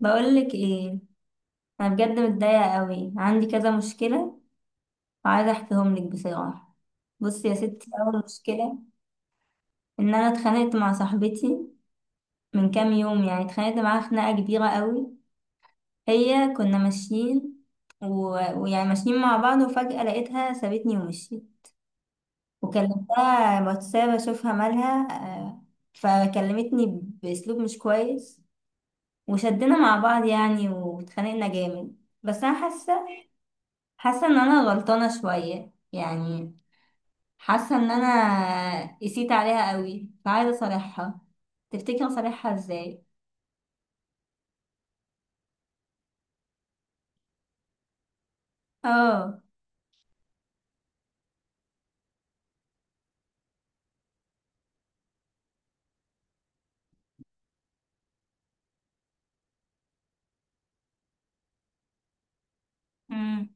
بقولك ايه. انا بجد متضايقه قوي، عندي كذا مشكله وعايزه احكيهم لك بصراحه. بصي يا ستي، اول مشكله ان انا اتخانقت مع صاحبتي من كام يوم، يعني اتخانقت معاها خناقه كبيره قوي. هي كنا ماشيين و... ويعني ماشيين مع بعض، وفجاه لقيتها سابتني ومشيت، وكلمتها واتساب اشوفها مالها. آه، فكلمتني باسلوب مش كويس، وشدنا مع بعض يعني واتخانقنا جامد. بس انا حاسه ان انا غلطانه شويه يعني، حاسه ان انا قسيت عليها قوي، فعايزه اصالحها. تفتكر اصالحها ازاي؟ اه. امم.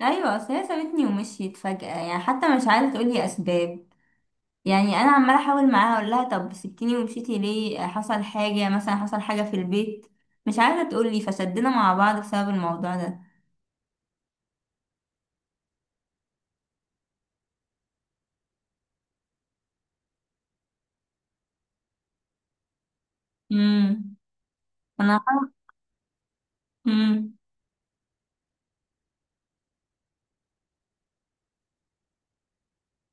ايوه، اصل هي سابتني ومشيت فجاه يعني، حتى مش عايزه تقولي اسباب. يعني انا عماله احاول معاها اقول لها طب سبتيني ومشيتي ليه؟ حصل حاجه مثلا؟ حصل حاجه في البيت؟ مش عايزه تقولي، فشدنا مع بعض بسبب الموضوع ده. امم. انا امم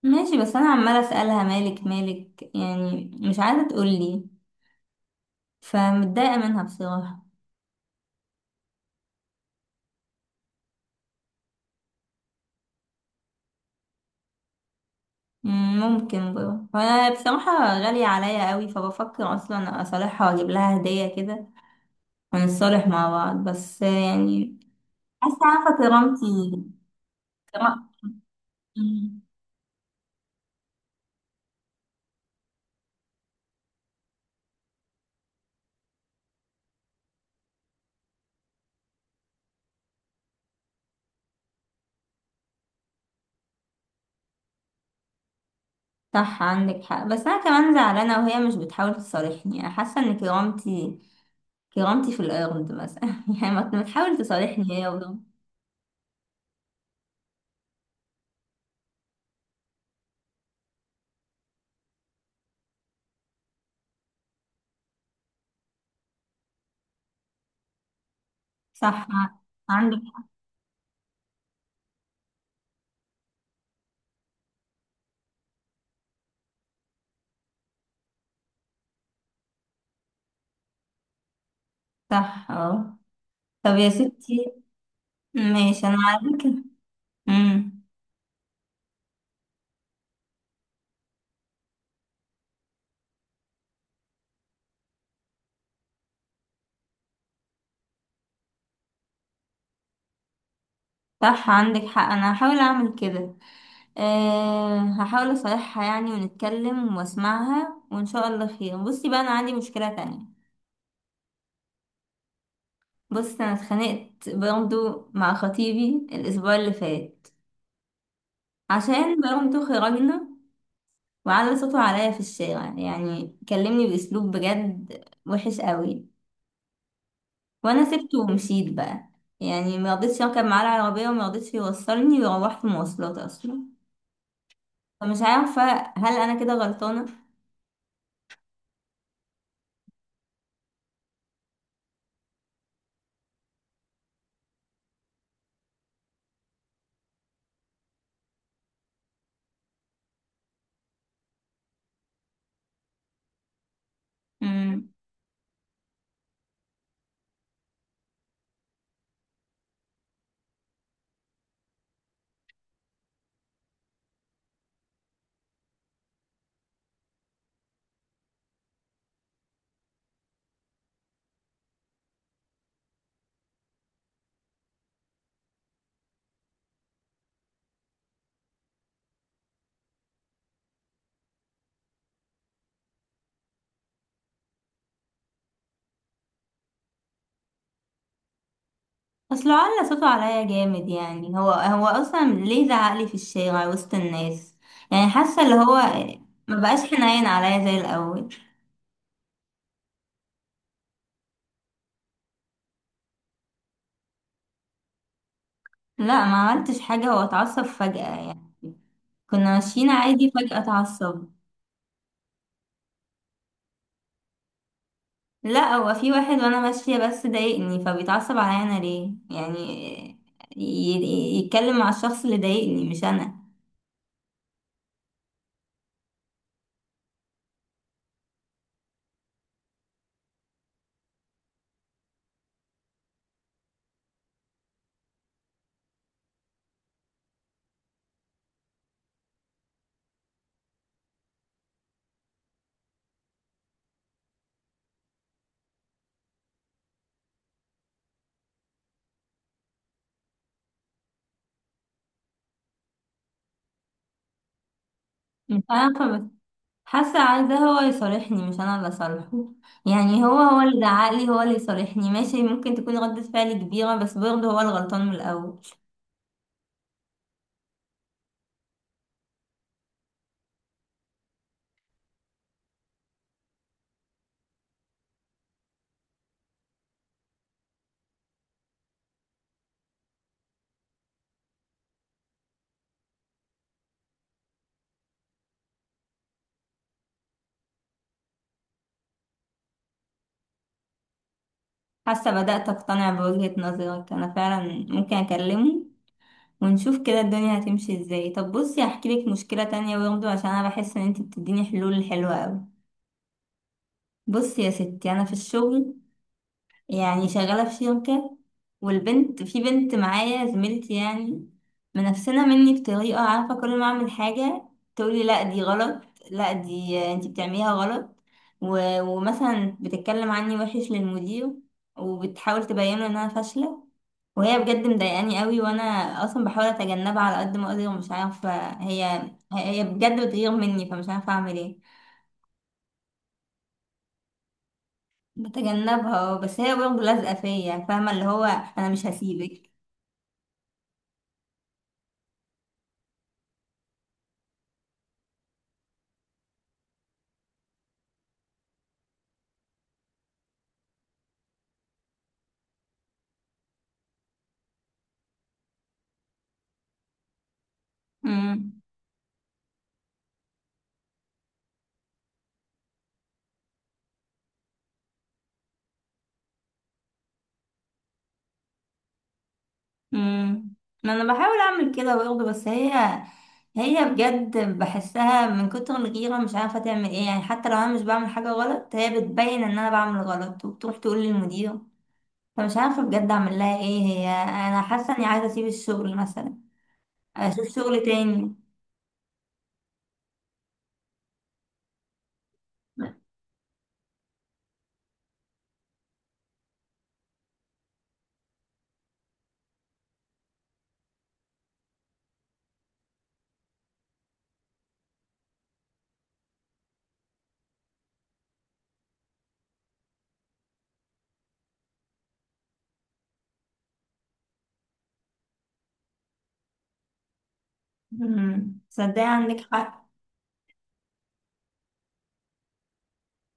ماشي، بس انا عماله اسالها مالك مالك، يعني مش عايزه تقولي، فمتضايقة منها بصراحة. ممكن برضه. وانا بصراحة غالية عليا قوي، فبفكر اصلا اصالحها واجيب لها هدية كده ونتصالح مع بعض، بس يعني حاسة عارفة كرامتي. كرا- مم. صح، عندك حق، بس انا كمان زعلانة وهي مش بتحاول تصالحني. انا حاسة ان كرامتي كرامتي في الارض مثلا يعني ما تحاول تصالحني هي ولا. صح عندك صح. اه. طب يا ستي، ماشي، انا على فكرة. مم. صح، عندك حق، انا هحاول اعمل كده. أه، هحاول اصالحها يعني، ونتكلم واسمعها وان شاء الله خير. بصي بقى، انا عندي مشكلة تانية. بصي انا اتخانقت برضو مع خطيبي الاسبوع اللي فات، عشان برضو خرجنا وعلى صوته عليا في الشارع، يعني كلمني باسلوب بجد وحش قوي. وانا سبته ومشيت بقى، يعني مرضتش اركب معاه العربية ومرضتش يوصلني، وروحت مواصلات اصلا. فمش عارفة، هل انا كده غلطانة؟ مم. اصل على صوته عليا جامد، يعني هو اصلا ليه زعقلي في الشارع وسط الناس؟ يعني حاسه اللي هو ما بقاش حنين عليا زي الاول. لا، ما عملتش حاجه، هو اتعصب فجأة يعني، كنا ماشيين عادي فجأة اتعصب. لا، هو في واحد وانا ماشيه بس ضايقني، فبيتعصب عليا انا ليه يعني؟ ي- يتكلم مع الشخص اللي ضايقني مش انا. مش انا حاسه عايزاه هو يصالحني، مش انا اللي اصالحه. يعني هو اللي زعقلي، هو اللي يصالحني. ماشي، ممكن تكون ردة فعلي كبيره، بس برضه هو الغلطان من الاول. حاسه بدأت اقتنع بوجهة نظرك، انا فعلا ممكن اكلمه ونشوف كده الدنيا هتمشي ازاي. طب بصي، هحكي لك مشكله تانية برضه، عشان انا بحس ان انت بتديني حلول حلوه قوي. بصي يا ستي، انا في الشغل يعني شغالة في شركة، والبنت في بنت معايا زميلتي يعني منافسنا مني بطريقة، عارفة كل ما أعمل حاجة تقولي لا دي غلط، لا دي انتي بتعمليها غلط، ومثلا بتتكلم عني وحش للمدير، وبتحاول تبينه إن أنا فاشلة. وهي بجد مضايقاني قوي، وأنا أصلا بحاول أتجنبها على قد ما أقدر، ومش عارفة هي بجد بتغير مني، فمش عارفة أعمل إيه. بتجنبها، بس هي برضه لازقة فيا، فاهمة اللي هو أنا مش هسيبك. امم. امم. ما انا بحاول اعمل كده برضه، بس هي بجد بحسها من كتر الغيره مش عارفه تعمل ايه. يعني حتى لو انا مش بعمل حاجه غلط، هي بتبين ان انا بعمل غلط وبتروح تقول للمدير. فمش عارفه بجد اعمل لها ايه، هي انا حاسه اني عايزه اسيب الشغل مثلا، اشوف شغل تاني. صدقي عندك حق.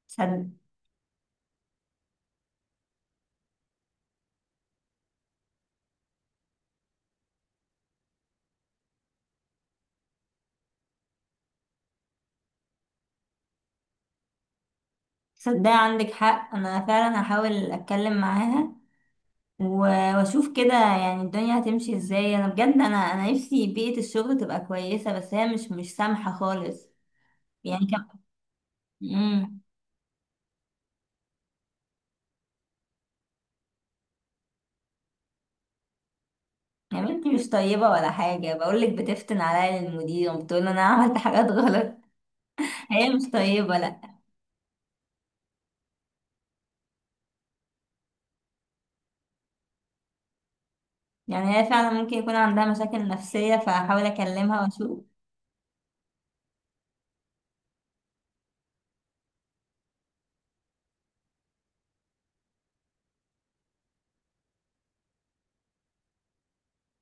صد- صدقي عندك حق، انا فعلا هحاول اتكلم معاها، واشوف كده يعني الدنيا هتمشي ازاي. انا بجد، انا نفسي بيئة الشغل تبقى كويسة، بس هي مش سامحة خالص. يعني كم امم. يا بنتي مش طيبة ولا حاجة، بقولك بتفتن عليا المدير وبتقول انا عملت حاجات غلط هي مش طيبة، لا. يعني هي فعلا ممكن يكون عندها مشاكل نفسية، فهحاول اكلمها واشوف.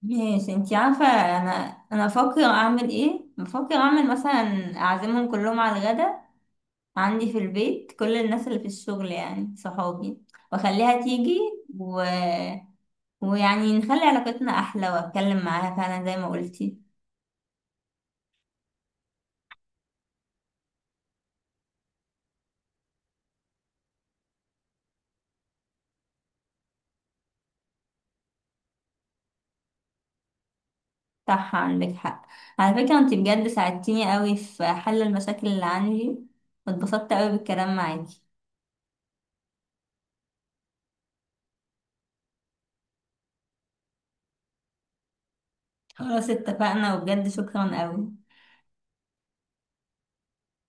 ماشي، انتي عارفة، انا بفكر اعمل ايه، بفكر اعمل مثلا اعزمهم كلهم على الغدا عندي في البيت كل الناس اللي في الشغل يعني صحابي، واخليها تيجي و... ويعني نخلي علاقتنا احلى واتكلم معاها فعلا زي ما قلتي. صح، عندك حق. على فكرة انتي بجد ساعدتيني قوي في حل المشاكل اللي عندي، واتبسطت قوي بالكلام معاكي. خلاص اتفقنا، وبجد شكرا قوي.